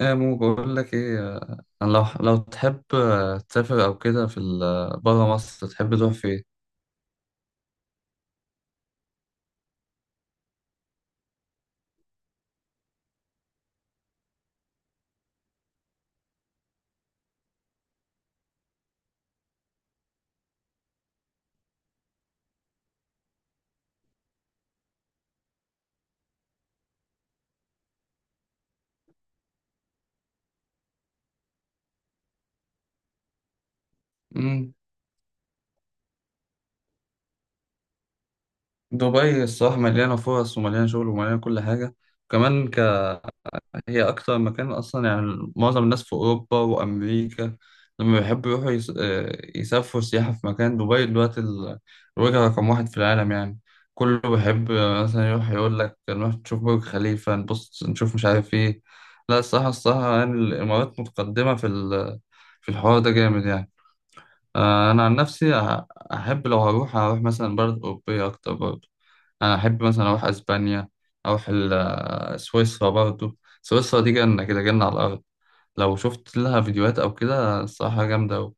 ايه مو بقول لك ايه، انا لو تحب تسافر او كده في بره مصر تحب تروح فين؟ امم دبي الصراحه مليانه فرص ومليانه شغل ومليانه كل حاجه كمان. هي أكتر مكان أصلا يعني، معظم الناس في أوروبا وأمريكا لما بيحبوا يروحوا يس... آه، يسافروا سياحة في مكان، دبي دلوقتي الوجهة رقم واحد في العالم يعني. كله بيحب مثلا يروح يقول لك نروح نشوف برج خليفة، نبص نشوف مش عارف إيه. لا الصراحة الصراحة يعني الإمارات متقدمة في الحوار ده جامد يعني. أنا عن نفسي أحب لو هروح أروح مثلا بلد أوروبية أكتر برضه. انا احب مثلا اروح اسبانيا، اروح سويسرا برضو. سويسرا دي جنة كده، جنة على الارض. لو شفت لها فيديوهات او كده، الصراحة جامدة أوي.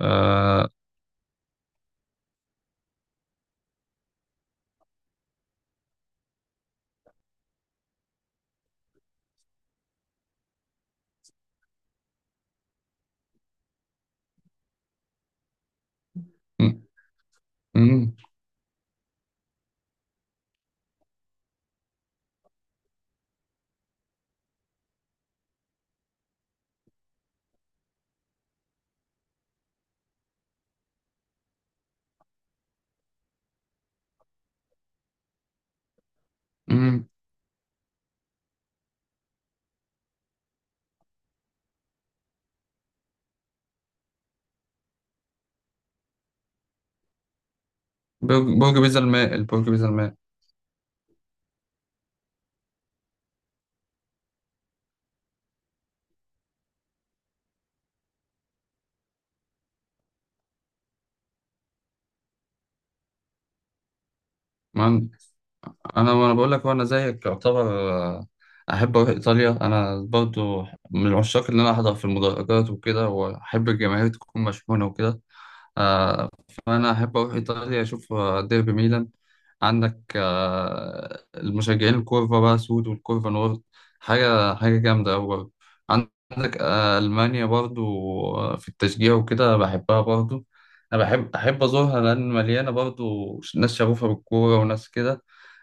آه، م- م- م- برج برج بيزا الماء البرج بيزا الماء. مهم. انا بقول لك، وانا زيك يعتبر، احب اروح ايطاليا انا برضو. من العشاق اللي انا احضر في المدرجات وكده، واحب الجماهير تكون مشحونة وكده. آه، فأنا أحب أروح إيطاليا أشوف ديربي ميلان. عندك المشجعين الكورفا بقى سود والكورفا نورد. حاجة حاجة جامدة أوي برضه. عندك ألمانيا برضو. في التشجيع وكده بحبها برضو. أنا أحب أزورها لأن مليانة برضو ناس شغوفة بالكورة، وناس كده.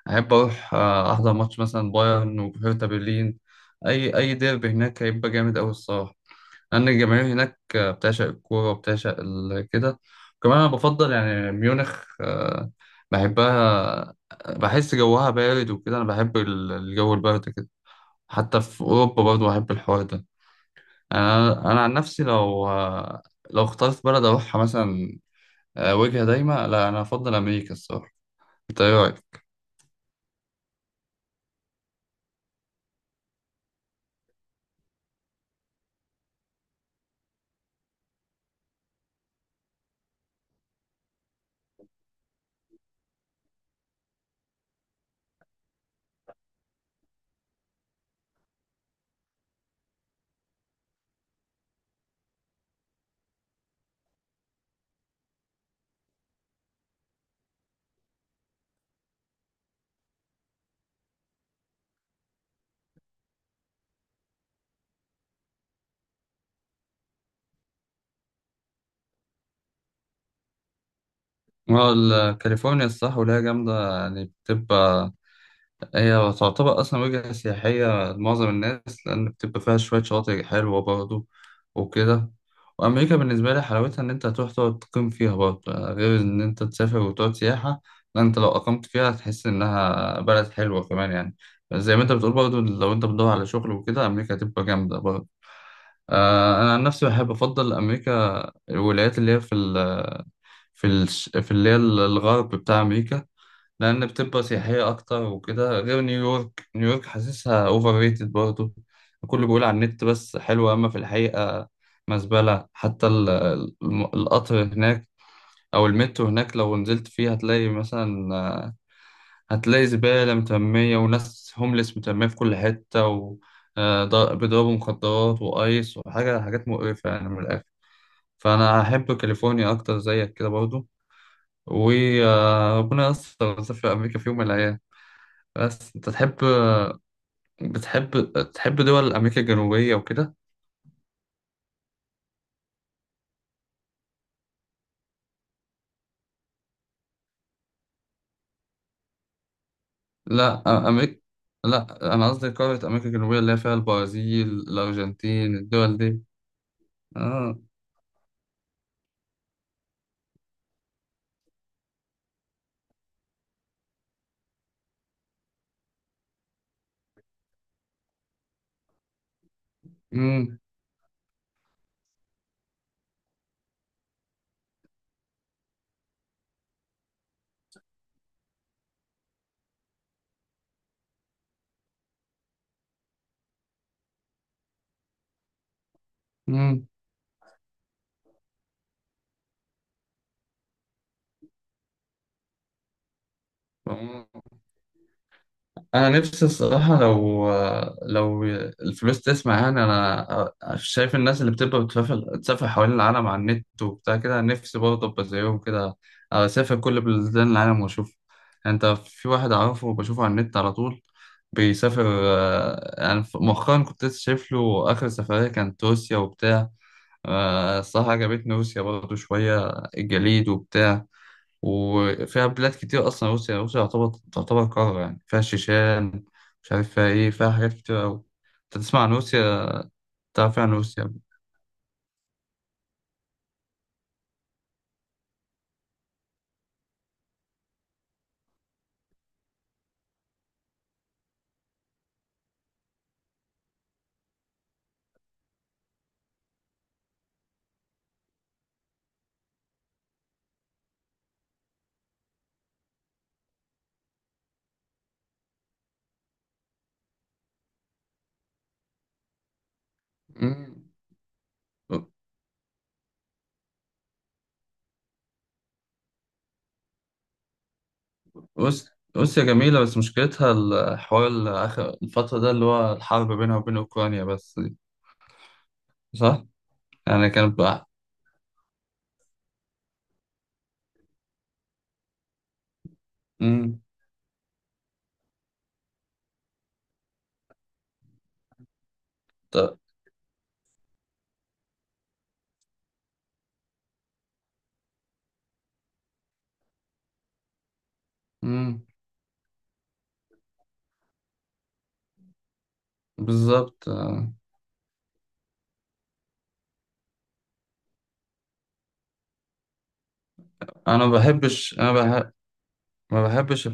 أحب أروح أحضر ماتش مثلا بايرن وهيرتا برلين. أي ديربي هناك هيبقى جامد أوي الصراحة. لأن الجماهير هناك بتعشق الكورة وبتعشق كده. كمان أنا بفضل يعني ميونخ، بحبها، بحس جوها بارد وكده. أنا بحب الجو البارد كده حتى في أوروبا برضه، بحب الحوار ده يعني. أنا عن نفسي لو اخترت بلد أروحها مثلا، وجهة دايمة، لا أنا أفضل أمريكا الصراحة. أنت إيه رأيك؟ ما هو كاليفورنيا الصح وليها جامدة يعني بتبقى. هي تعتبر أصلا وجهة سياحية لمعظم الناس، لأن بتبقى فيها شوية شواطئ حلوة برضه وكده. وأمريكا بالنسبة لي حلاوتها إن أنت هتروح تقعد تقيم فيها برضه، غير إن أنت تسافر وتقعد سياحة. لا أنت لو أقمت فيها هتحس إنها بلد حلوة كمان يعني. زي ما أنت بتقول برضه، لو أنت بتدور على شغل وكده أمريكا هتبقى جامدة برضه. أنا عن نفسي بحب أفضل أمريكا، الولايات اللي هي في ال في اللي هي الغرب بتاع أمريكا، لأن بتبقى سياحية أكتر وكده. غير نيويورك. نيويورك حاسسها أوفر ريتد برضه. الكل بيقول على النت بس حلوة، أما في الحقيقة مزبلة. حتى القطر هناك أو المترو هناك، لو نزلت فيه هتلاقي مثلا آه، هتلاقي زبالة مترمية، وناس هوملس مترمية في كل حتة، و بيضربوا مخدرات وأيس وحاجة حاجات مقرفة يعني من الآخر. فأنا أحب كاليفورنيا أكتر زيك كده برضه. وربنا يستر نسافر أمريكا في يوم من الأيام. بس انت بتحب تحب دول امريكا الجنوبيه وكده؟ لا امريكا، لا انا قصدي قاره امريكا الجنوبيه اللي هي فيها البرازيل، الارجنتين، الدول دي. اه. امم امم انا نفسي الصراحه، لو لو الفلوس تسمع يعني، انا شايف الناس اللي بتبقى بتسافر تسافر حوالين العالم على النت وبتاع كده، نفسي برضه ابقى زيهم كده. اسافر كل بلدان العالم واشوف يعني. انت في واحد اعرفه بشوفه على النت على طول، بيسافر يعني مؤخرا كنت لسه شايف له اخر سفريه كانت روسيا وبتاع. الصراحه عجبتني روسيا برضه شويه، الجليد وبتاع. وفيها بلاد كتير أصلا. روسيا، تعتبر قارة يعني، فيها الشيشان، مش عارف فيها إيه، فيها حاجات كتير أوي. أنت تسمع عن روسيا؟ تعرف يعني عن روسيا؟ مم. روس- روسيا جميلة، بس مشكلتها الحوار آخر الفترة ده، اللي هو الحرب بينها وبين أوكرانيا بس دي. صح؟ يعني كانت بقى. مم. ط- مم. بالظبط آه. أنا ما بحبش. ما بحبش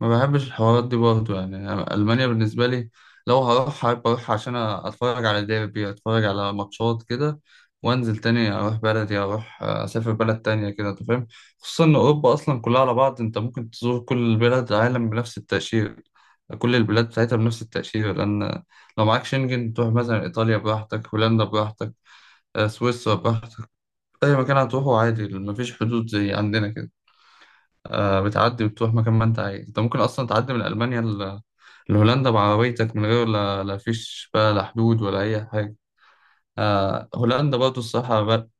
ما بحبش الحوارات دي برضه يعني. أنا ألمانيا بالنسبة لي، لو هروح هبقى أروح عشان أتفرج على ديربي، أتفرج على ماتشات كده. وأنزل تاني أروح بلدي، أروح آه، أسافر بلد تانية كده. أنت فاهم؟ خصوصا إن أوروبا أصلا كلها على بعض، أنت ممكن تزور كل بلاد العالم بنفس التأشيرة. كل البلاد بتاعتها بنفس التأشيرة، لأن لو معاك شنجن تروح مثلا إيطاليا براحتك، هولندا براحتك، سويسرا براحتك. أي مكان هتروحه عادي، مفيش حدود زي عندنا كده. بتعدي وتروح مكان ما انت عايز. انت ممكن اصلا تعدي من المانيا لهولندا بعربيتك، من غير لا فيش بقى، لا حدود ولا اي حاجه. هولندا برضه الصراحه بلد.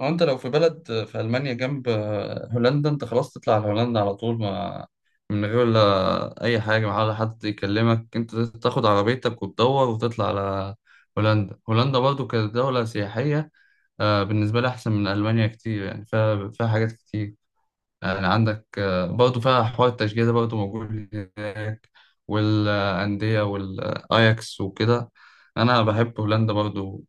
هو انت لو في بلد، في المانيا جنب هولندا، انت خلاص تطلع على هولندا على طول، ما من غير لا اي حاجه، ما ولا حد يكلمك، انت تاخد عربيتك وتدور وتطلع على هولندا. هولندا برضه كدوله سياحيه، بالنسبه لي احسن من المانيا كتير يعني. فيها حاجات كتير يعني. عندك برضه فيها حوار التشجيع ده برضه موجود هناك، والأندية والأياكس وكده. أنا بحب هولندا برضه.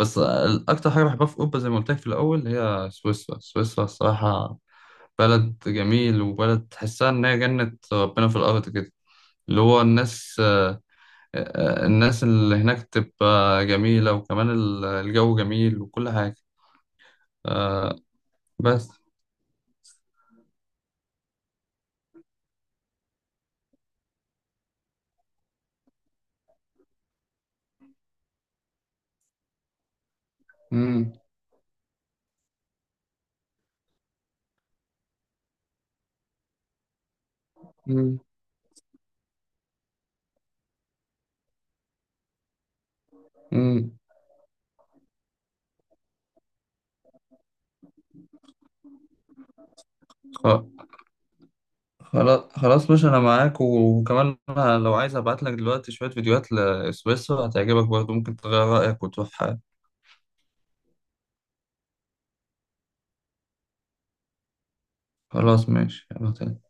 بس أكتر حاجة بحبها في أوروبا زي ما قلت لك في الأول هي سويسرا. سويسرا الصراحة بلد جميل، وبلد تحسها إن هي جنة ربنا في الأرض كده. اللي هو الناس اللي هناك تبقى جميلة، وكمان الجو جميل وكل حاجة. آه، بس. امم امم خلاص خلاص باشا، انا معاك. وكمان أنا لو عايز ابعت لك دلوقتي شوية فيديوهات لسويسرا هتعجبك برضه، ممكن تغير رأيك وتروح. خلاص ماشي، يلا تاني.